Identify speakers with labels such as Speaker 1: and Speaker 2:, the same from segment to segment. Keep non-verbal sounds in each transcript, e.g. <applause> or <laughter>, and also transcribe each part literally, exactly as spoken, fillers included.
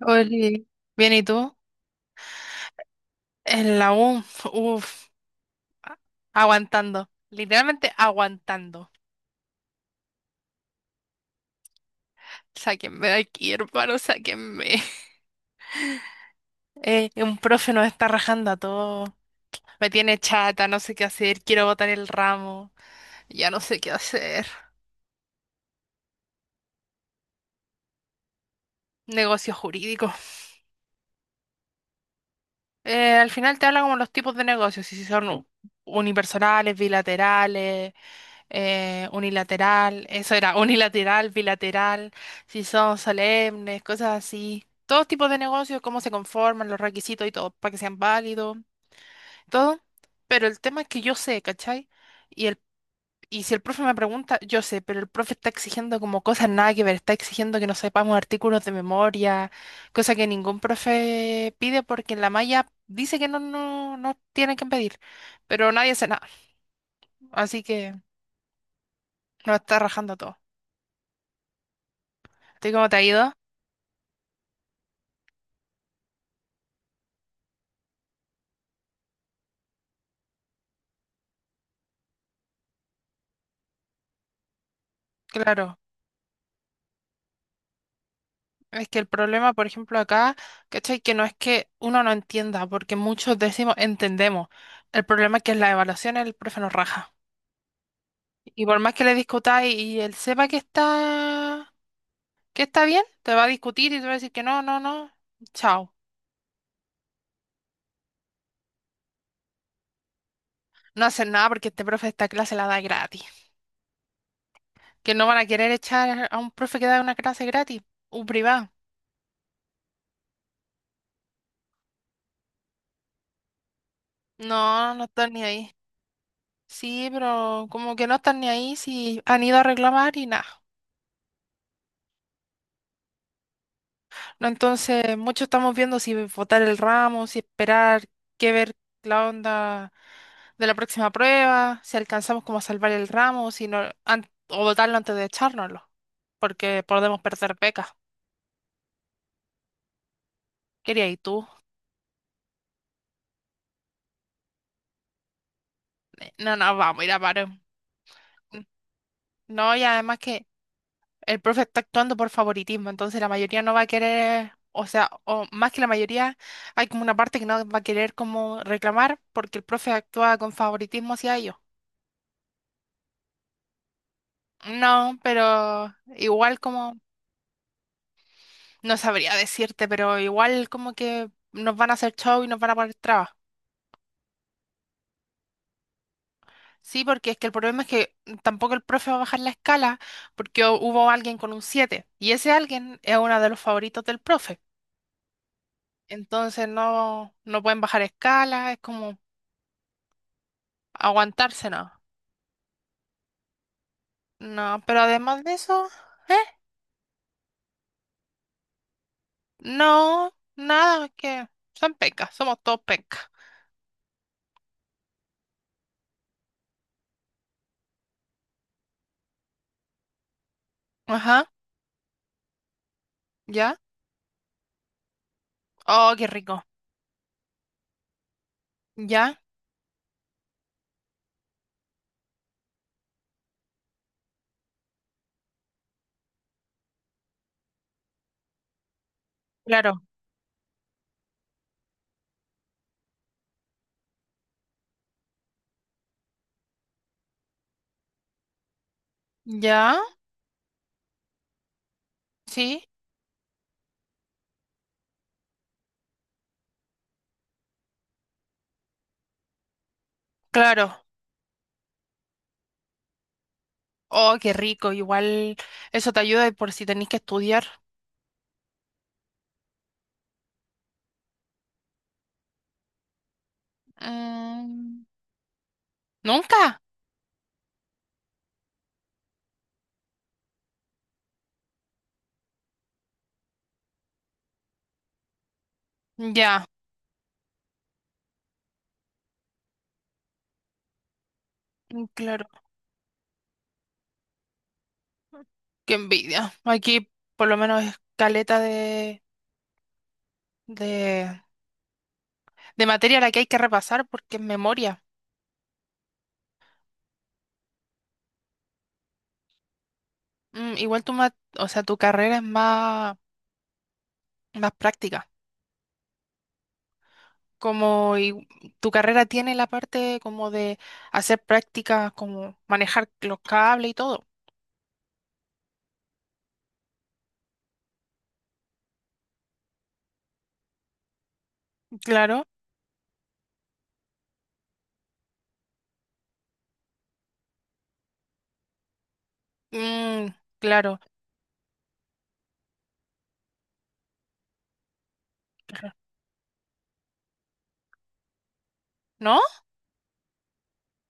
Speaker 1: Oli, bien, ¿y tú? En la U, uff, aguantando, literalmente aguantando. Sáquenme de aquí, hermano, sáquenme. <laughs> Eh, un profe nos está rajando a todos, me tiene chata, no sé qué hacer, quiero botar el ramo, ya no sé qué hacer. Negocios jurídicos. Eh, al final te habla como los tipos de negocios, si son u- unipersonales, bilaterales, eh, unilateral, eso era, <laughs> unilateral, bilateral, si son solemnes, cosas así. Todos tipos de negocios, cómo se conforman, los requisitos y todo, para que sean válidos, todo. Pero el tema es que yo sé, ¿cachai? Y, el, y si el profe me pregunta, yo sé, pero el profe está exigiendo como cosas nada que ver, está exigiendo que nos sepamos artículos de memoria, cosa que ningún profe pide porque en la malla dice que no, no, no tienen que pedir, pero nadie hace nada, así que nos está rajando todo. ¿Tú cómo te ha ido? Claro, es que el problema, por ejemplo, acá, ¿cachai? Que no es que uno no entienda, porque muchos decimos entendemos. El problema es que en las evaluaciones el profe nos raja. Y por más que le discutáis y él sepa que está, que está bien, te va a discutir y te va a decir que no, no, no, chao. No hacen nada porque este profe esta clase la da gratis. Que no van a querer echar a un profe que da una clase gratis, un privado. No, no están ni ahí. Sí, pero como que no están ni ahí si han ido a reclamar y nada. ¿No? Entonces, muchos estamos viendo si votar el ramo, si esperar, qué ver la onda de la próxima prueba, si alcanzamos como a salvar el ramo, si no, an- o votarlo antes de echárnoslo, porque podemos perder becas. Quería ir tú. Eh, No, no, vamos, mira, paro. No, y además que el profe está actuando por favoritismo, entonces la mayoría no va a querer, o sea, o más que la mayoría, hay como una parte que no va a querer como reclamar porque el profe actúa con favoritismo hacia ellos. No, pero igual como, no sabría decirte, pero igual como que nos van a hacer show y nos van a poner trabas. Sí, porque es que el problema es que tampoco el profe va a bajar la escala porque hu- hubo alguien con un siete y ese alguien es uno de los favoritos del profe. Entonces no, no pueden bajar escala, es como aguantarse, ¿no? No, pero además de eso, ¿eh? No, nada, es que son pecas, somos todos pecas. Ajá, ya. Oh, qué rico. Ya, claro. Ya, sí, claro. Oh, qué rico. Igual eso te ayuda por si tenéis que estudiar. Mm, ¿nunca? Ya, mm, claro. Qué envidia. Aquí por lo menos es caleta de, de, de materia la que hay que repasar porque es memoria. Mm, igual tu, ma- o sea, tu carrera es más, más práctica. Como y- Tu carrera tiene la parte como de hacer prácticas, como manejar los cables y todo. Claro. Mm, claro. ¿No?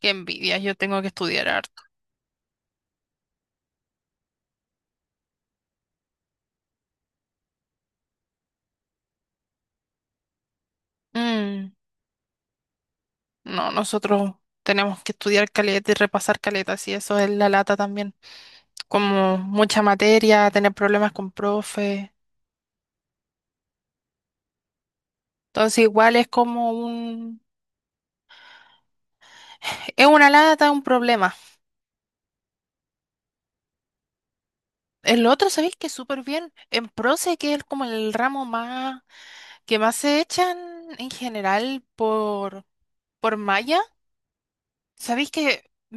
Speaker 1: Qué envidia, yo tengo que estudiar harto. Mm, no, nosotros tenemos que estudiar caleta y repasar caleta, y eso es la lata también. Como mucha materia, tener problemas con profe. Entonces igual es como un... Es una lata, un problema. El otro, ¿sabéis que súper bien? En Proce, que es como el ramo más... que más se echan en general por... por malla. Sabéis que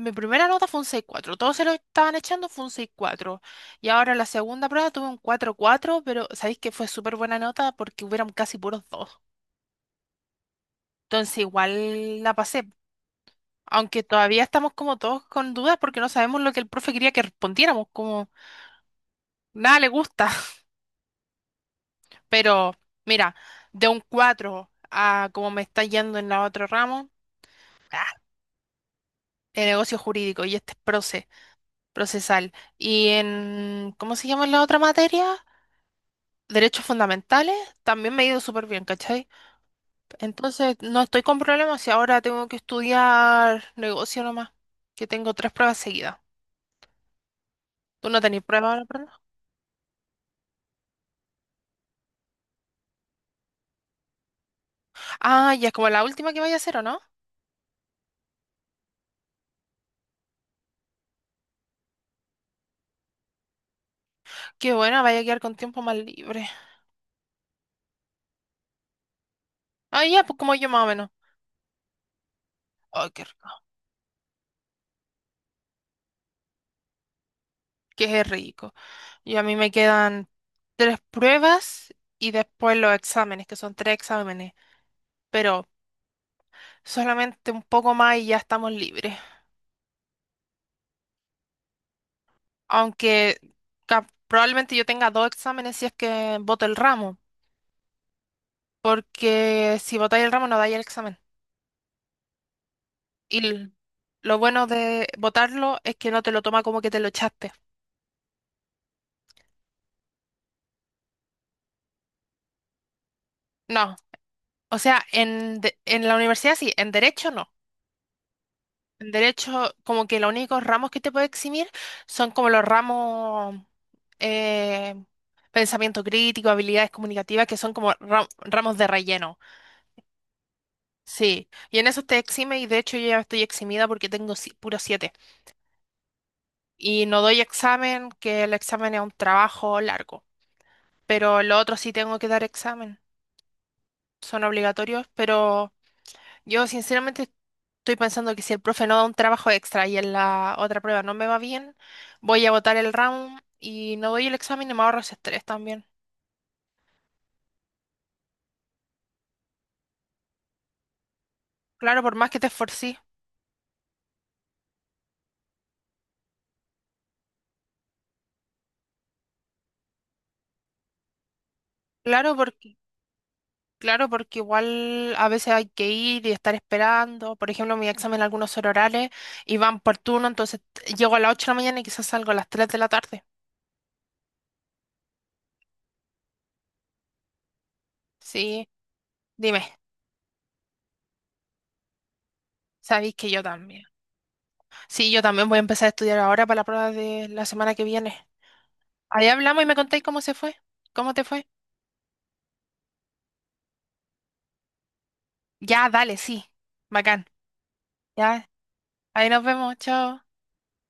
Speaker 1: mi primera nota fue un seis cuatro. Todos se lo estaban echando, fue un seis cuatro. Y ahora la segunda prueba tuve un cuatro cuatro, pero sabéis que fue súper buena nota porque hubieron casi puros dos. Entonces igual la pasé. Aunque todavía estamos como todos con dudas porque no sabemos lo que el profe quería que respondiéramos, como nada le gusta. <laughs> Pero mira, de un cuatro a como me está yendo en la otro ramo, ah, el negocio jurídico y este es proce, procesal. Y en, ¿cómo se llama la otra materia? Derechos fundamentales, también me ha ido súper bien, ¿cachai? Entonces, no estoy con problemas y ahora tengo que estudiar negocio nomás, que tengo tres pruebas seguidas. ¿Tú no tenés pruebas ahora, perdón? Ah, ya es como la última que vaya a hacer, ¿o no? Qué buena, vaya a quedar con tiempo más libre. Ah, ya, pues como yo más o menos. Ay, qué rico, qué rico. Y a mí me quedan tres pruebas y después los exámenes, que son tres exámenes, pero solamente un poco más y ya estamos libres. Aunque ca- probablemente yo tenga dos exámenes si es que voto el ramo, porque si votáis el ramo no dais el examen. Y l- lo bueno de votarlo es que no te lo toma como que te lo echaste. No, o sea, en, de- en la universidad sí, en derecho no. En derecho como que los únicos ramos que te puede eximir son como los ramos eh, pensamiento crítico, habilidades comunicativas, que son como ra- ramos de relleno. Sí, y en eso te exime y de hecho yo ya estoy eximida porque tengo si- puro siete y no doy examen, que el examen es un trabajo largo, pero lo otro sí tengo que dar examen, son obligatorios, pero yo sinceramente estoy pensando que si el profe no da un trabajo extra y en la otra prueba no me va bien, voy a botar el round y no doy el examen y me ahorro ese estrés también. Claro, por más que te esforcí. Claro, porque Claro, porque igual a veces hay que ir y estar esperando. Por ejemplo, mi examen algunos son orales y van por turno, entonces t- llego a las ocho de la mañana y quizás salgo a las tres de la tarde. Sí, dime, sabéis que yo también. Sí, yo también voy a empezar a estudiar ahora para la prueba de la semana que viene. Ahí hablamos y me contáis cómo se fue, cómo te fue. Ya, dale, sí, bacán. Ya, ahí nos vemos, chao.